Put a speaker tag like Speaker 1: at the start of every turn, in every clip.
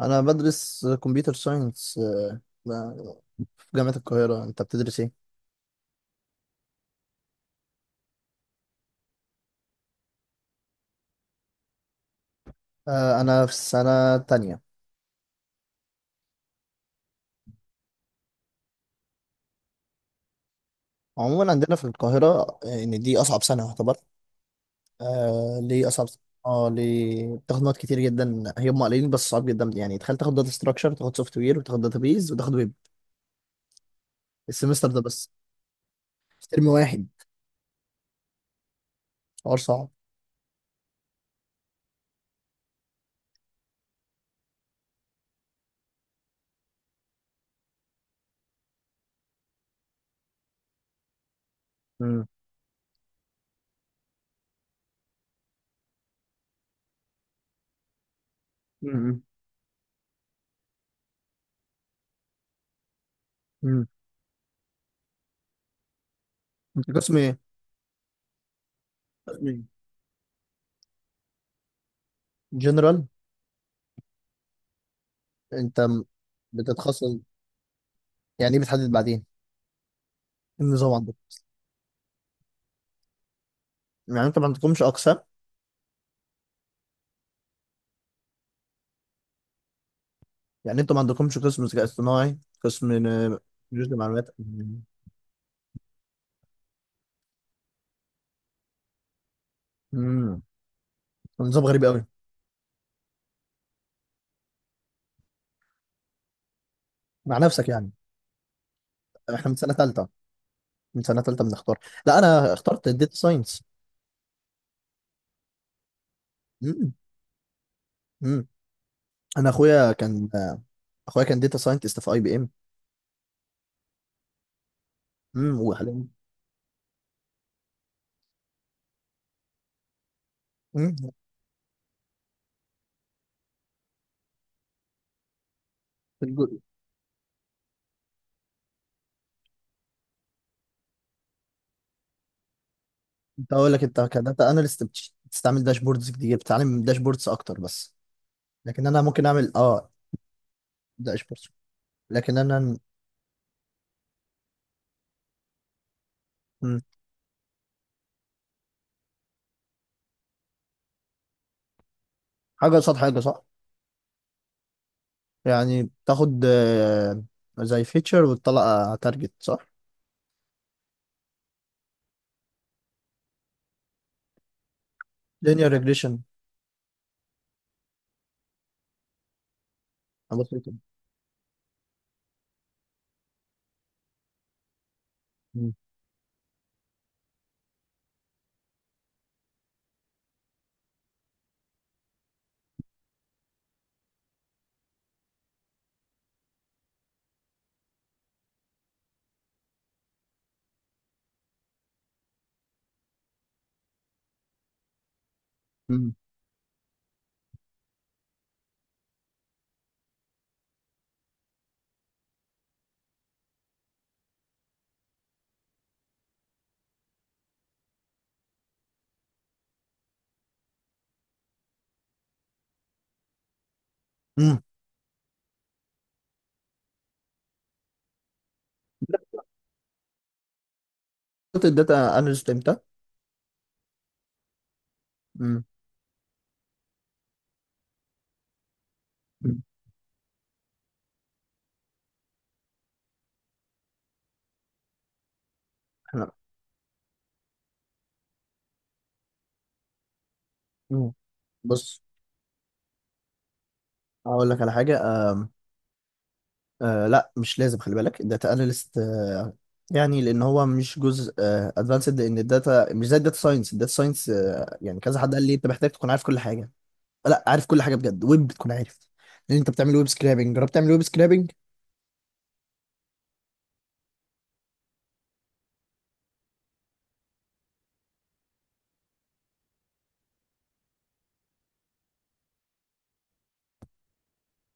Speaker 1: انا بدرس كمبيوتر ساينس في جامعة القاهرة. انت بتدرس ايه؟ انا في السنة تانية. عموما عندنا في القاهرة، ان دي اصعب سنة يعتبر. ليه اصعب سنة؟ اه ليه؟ بتاخد مواد كتير جدا، هي هم قليلين بس صعب جدا. يعني تخيل تاخد داتا ستراكشر، تاخد سوفت وير، وتاخد داتا بيز، وتاخد ويب السمستر ده بس، في ترم واحد. حوار صعب. امم. امم. امم. انت قسم ايه؟ قسم ايه؟ جنرال. انت بتتخصص؟ يعني ايه بتحدد بعدين؟ إيه النظام عندك؟ يعني انت ما عندكمش اقسام؟ يعني انتوا ما عندكمش قسم ذكاء اصطناعي؟ قسم آه، جزء معلومات. امم. نظام غريب قوي. مع نفسك يعني. احنا من سنه ثالثه بنختار. لا، انا اخترت الداتا ساينس. امم. امم. انا اخويا كان آه، اخويا كان داتا ساينتست في اي بي ام. امم. وحاليا. امم في الجو- كنت اقول لك انت كداتا اناليست بتستعمل داشبوردز كتير، بتتعلم داشبوردز اكتر بس. لكن انا ممكن اعمل داشبوردز. لكن انا. مم. حاجه قصاد حاجه، صح. يعني بتاخد زي فيتشر وتطلع تارجت، صح؟ Linear regression. بسيطة. مم. مم. مم. قلت الداتا اناليست امتى؟ مم. مم. احنا. مم. بص، هقول لك على حاجة. آم، آه، لا مش لازم. خلي بالك الداتا اناليست يعني لان هو مش جزء ادفانسد. لان الداتا مش زي الداتا ساينس، يعني كذا حد قال لي انت محتاج تكون عارف كل حاجة. لا، عارف كل حاجة بجد، ويب بتكون عارف. لان انت بتعمل ويب سكرابنج. جربت تعمل ويب سكرابنج؟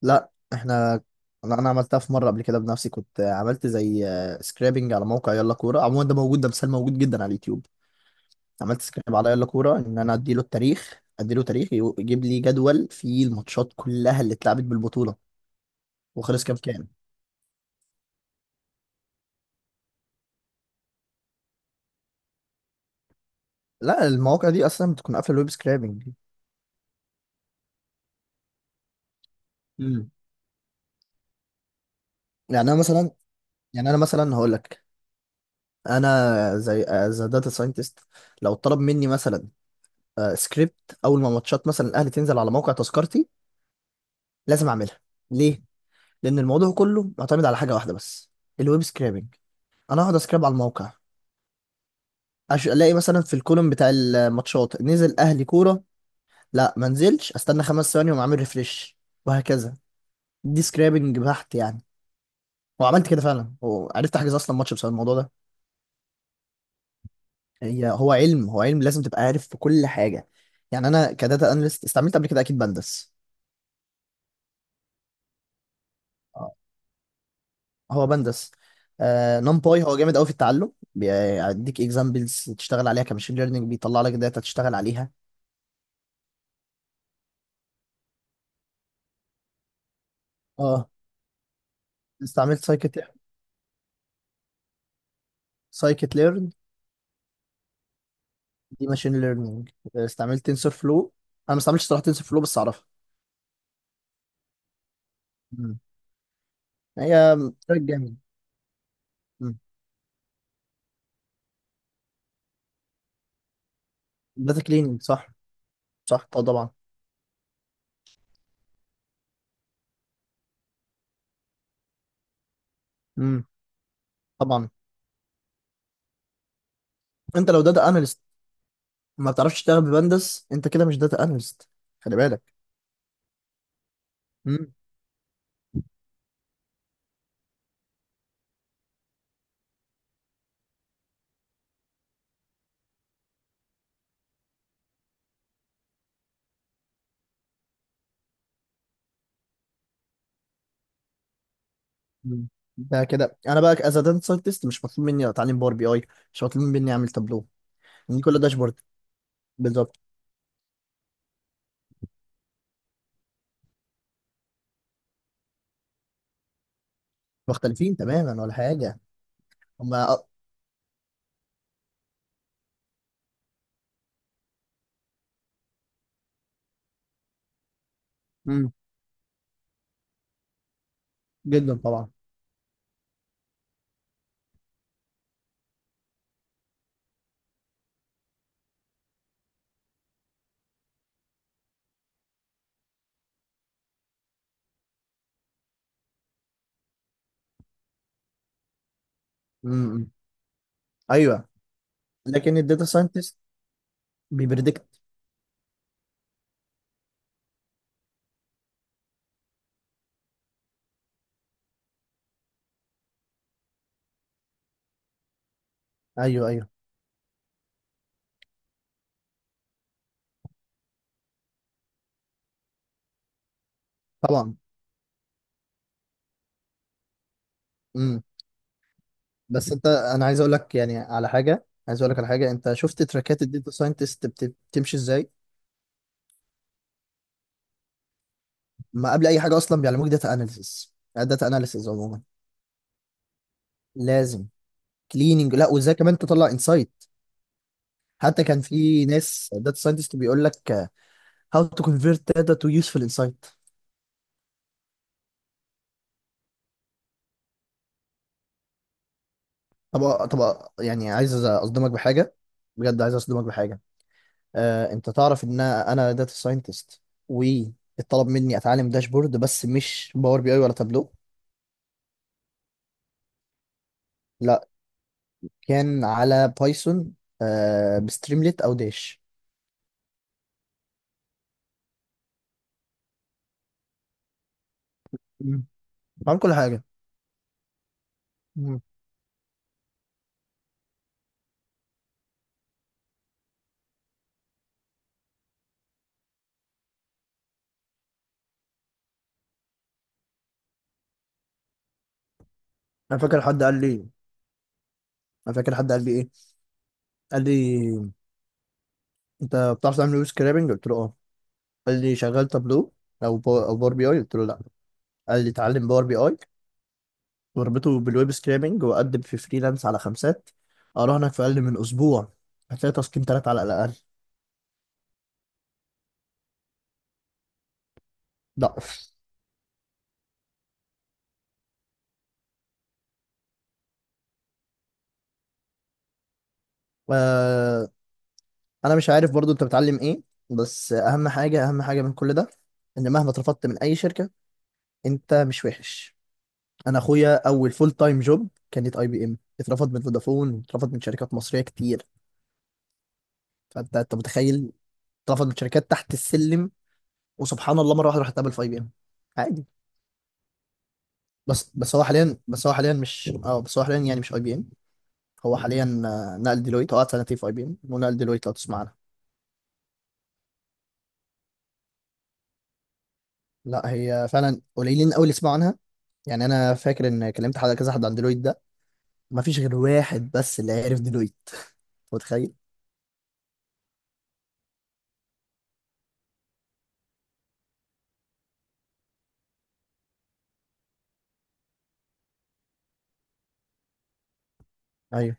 Speaker 1: لا، احنا. لا، انا عملتها في مره قبل كده بنفسي. كنت عملت زي سكرابنج على موقع يلا كوره. عموما ده موجود، ده مثال موجود جدا على اليوتيوب. عملت سكراب على يلا كوره، ان انا اديله التاريخ، اديله تاريخ، يجيب لي جدول فيه الماتشات كلها اللي اتلعبت بالبطوله. وخلص كام كام. لا، المواقع دي اصلا بتكون قافله الويب سكرابنج. امم. يعني انا مثلا يعني انا مثلا هقول لك، انا زي از داتا ساينتست، لو طلب مني مثلا سكريبت اول ما ماتشات مثلا الاهلي تنزل على موقع تذكرتي، لازم اعملها. ليه؟ لان الموضوع كله معتمد على حاجه واحده بس، الويب سكرابنج. انا اقعد اسكراب على الموقع، الاقي مثلا في الكولوم بتاع الماتشات نزل اهلي كوره. لا، ما نزلش. استنى 5 ثواني واقوم عامل ريفريش، وهكذا. دي سكرابنج بحت يعني. وعملت كده فعلا، وعرفت احجز اصلا ماتش بسبب الموضوع ده. هي هو علم هو علم، لازم تبقى عارف في كل حاجه. يعني انا كداتا اناليست استعملت قبل كده اكيد بندس. آه، هو بندس. نمباي هو جامد قوي في التعلم، بيديك اكزامبلز تشتغل عليها كماشين ليرنينج، بيطلع لك داتا تشتغل عليها. اه استعملت سايكت. سايكت ليرن، دي ماشين ليرنينج. استعملت تنسور فلو. انا ما استعملتش صراحه تنسور فلو بس اعرفها. مم. هي فرق جامد. داتا كليننج صح. صح، طبعا. امم. طبعا. انت لو داتا اناليست ما بتعرفش تشتغل ببندس، انت كده مش داتا اناليست. خلي بالك. امم. ده كده انا بقى از داتا ساينتست مش مطلوب مني اتعلم باور بي اي، مش مطلوب مني اعمل تابلو. دي كلها داشبورد. بالظبط. مختلفين تماما ولا حاجه. هما أ- مم. جدا طبعا. امم. ايوه. لكن الداتا ساينتست بيبريدكت. ايوه، ايوه، طبعا. امم. بس انت انا عايز اقول لك يعني على حاجه، عايز اقول لك على حاجه، انت شفت تراكات الداتا ساينتست بتمشي ازاي؟ ما قبل اي حاجه اصلا بيعلموك داتا اناليسيس. داتا اناليسيس عموما لازم كليننج. لا، وازاي كمان تطلع انسايت. حتى كان في ناس داتا ساينتست بيقول لك، هاو تو كونفيرت داتا تو يوسفول انسايت. طب. طب، يعني عايز اصدمك بحاجه، بجد عايز اصدمك بحاجه. انت تعرف ان انا داتا ساينتست واتطلب مني اتعلم داشبورد بس مش باور بي اي ولا تابلو. لا، كان على بايثون. بستريمليت او داش. مم. بعمل كل حاجه. مم. انا فاكر حد قال لي انا فاكر حد قال لي ايه. قال لي، انت بتعرف تعمل ويب سكرابنج؟ قلت له اه. قال لي شغال تابلو او او باور بي اي؟ قلت له لا. قال لي اتعلم باور بي اي وربطه بالويب سكرابنج وقدم في فريلانس على خمسات، اراهنك في اقل من اسبوع هتلاقي تسكين تلاتة على الاقل. لا. آه، انا مش عارف برضو انت بتعلم ايه. بس اهم حاجه، اهم حاجه من كل ده، ان مهما اترفضت من اي شركه، انت مش وحش. انا اخويا اول فول تايم جوب كانت اي بي ام. اترفض من فودافون، اترفض من شركات مصريه كتير. فانت متخيل؟ اترفض من شركات تحت السلم. وسبحان الله، مره واحده راح اتقابل في اي بي ام عادي. بس، هو حاليا يعني مش اي بي ام. هو حاليا نقل ديلويت. هو قعد سنتين في اي بي ام ونقل ديلويت، لو تسمع عنها. لا، هي فعلا قليلين قوي اللي سمعوا عنها. يعني انا فاكر ان كلمت حد، كذا حد عن ديلويت ده، ما فيش غير واحد بس اللي عرف ديلويت. متخيل؟ ايوه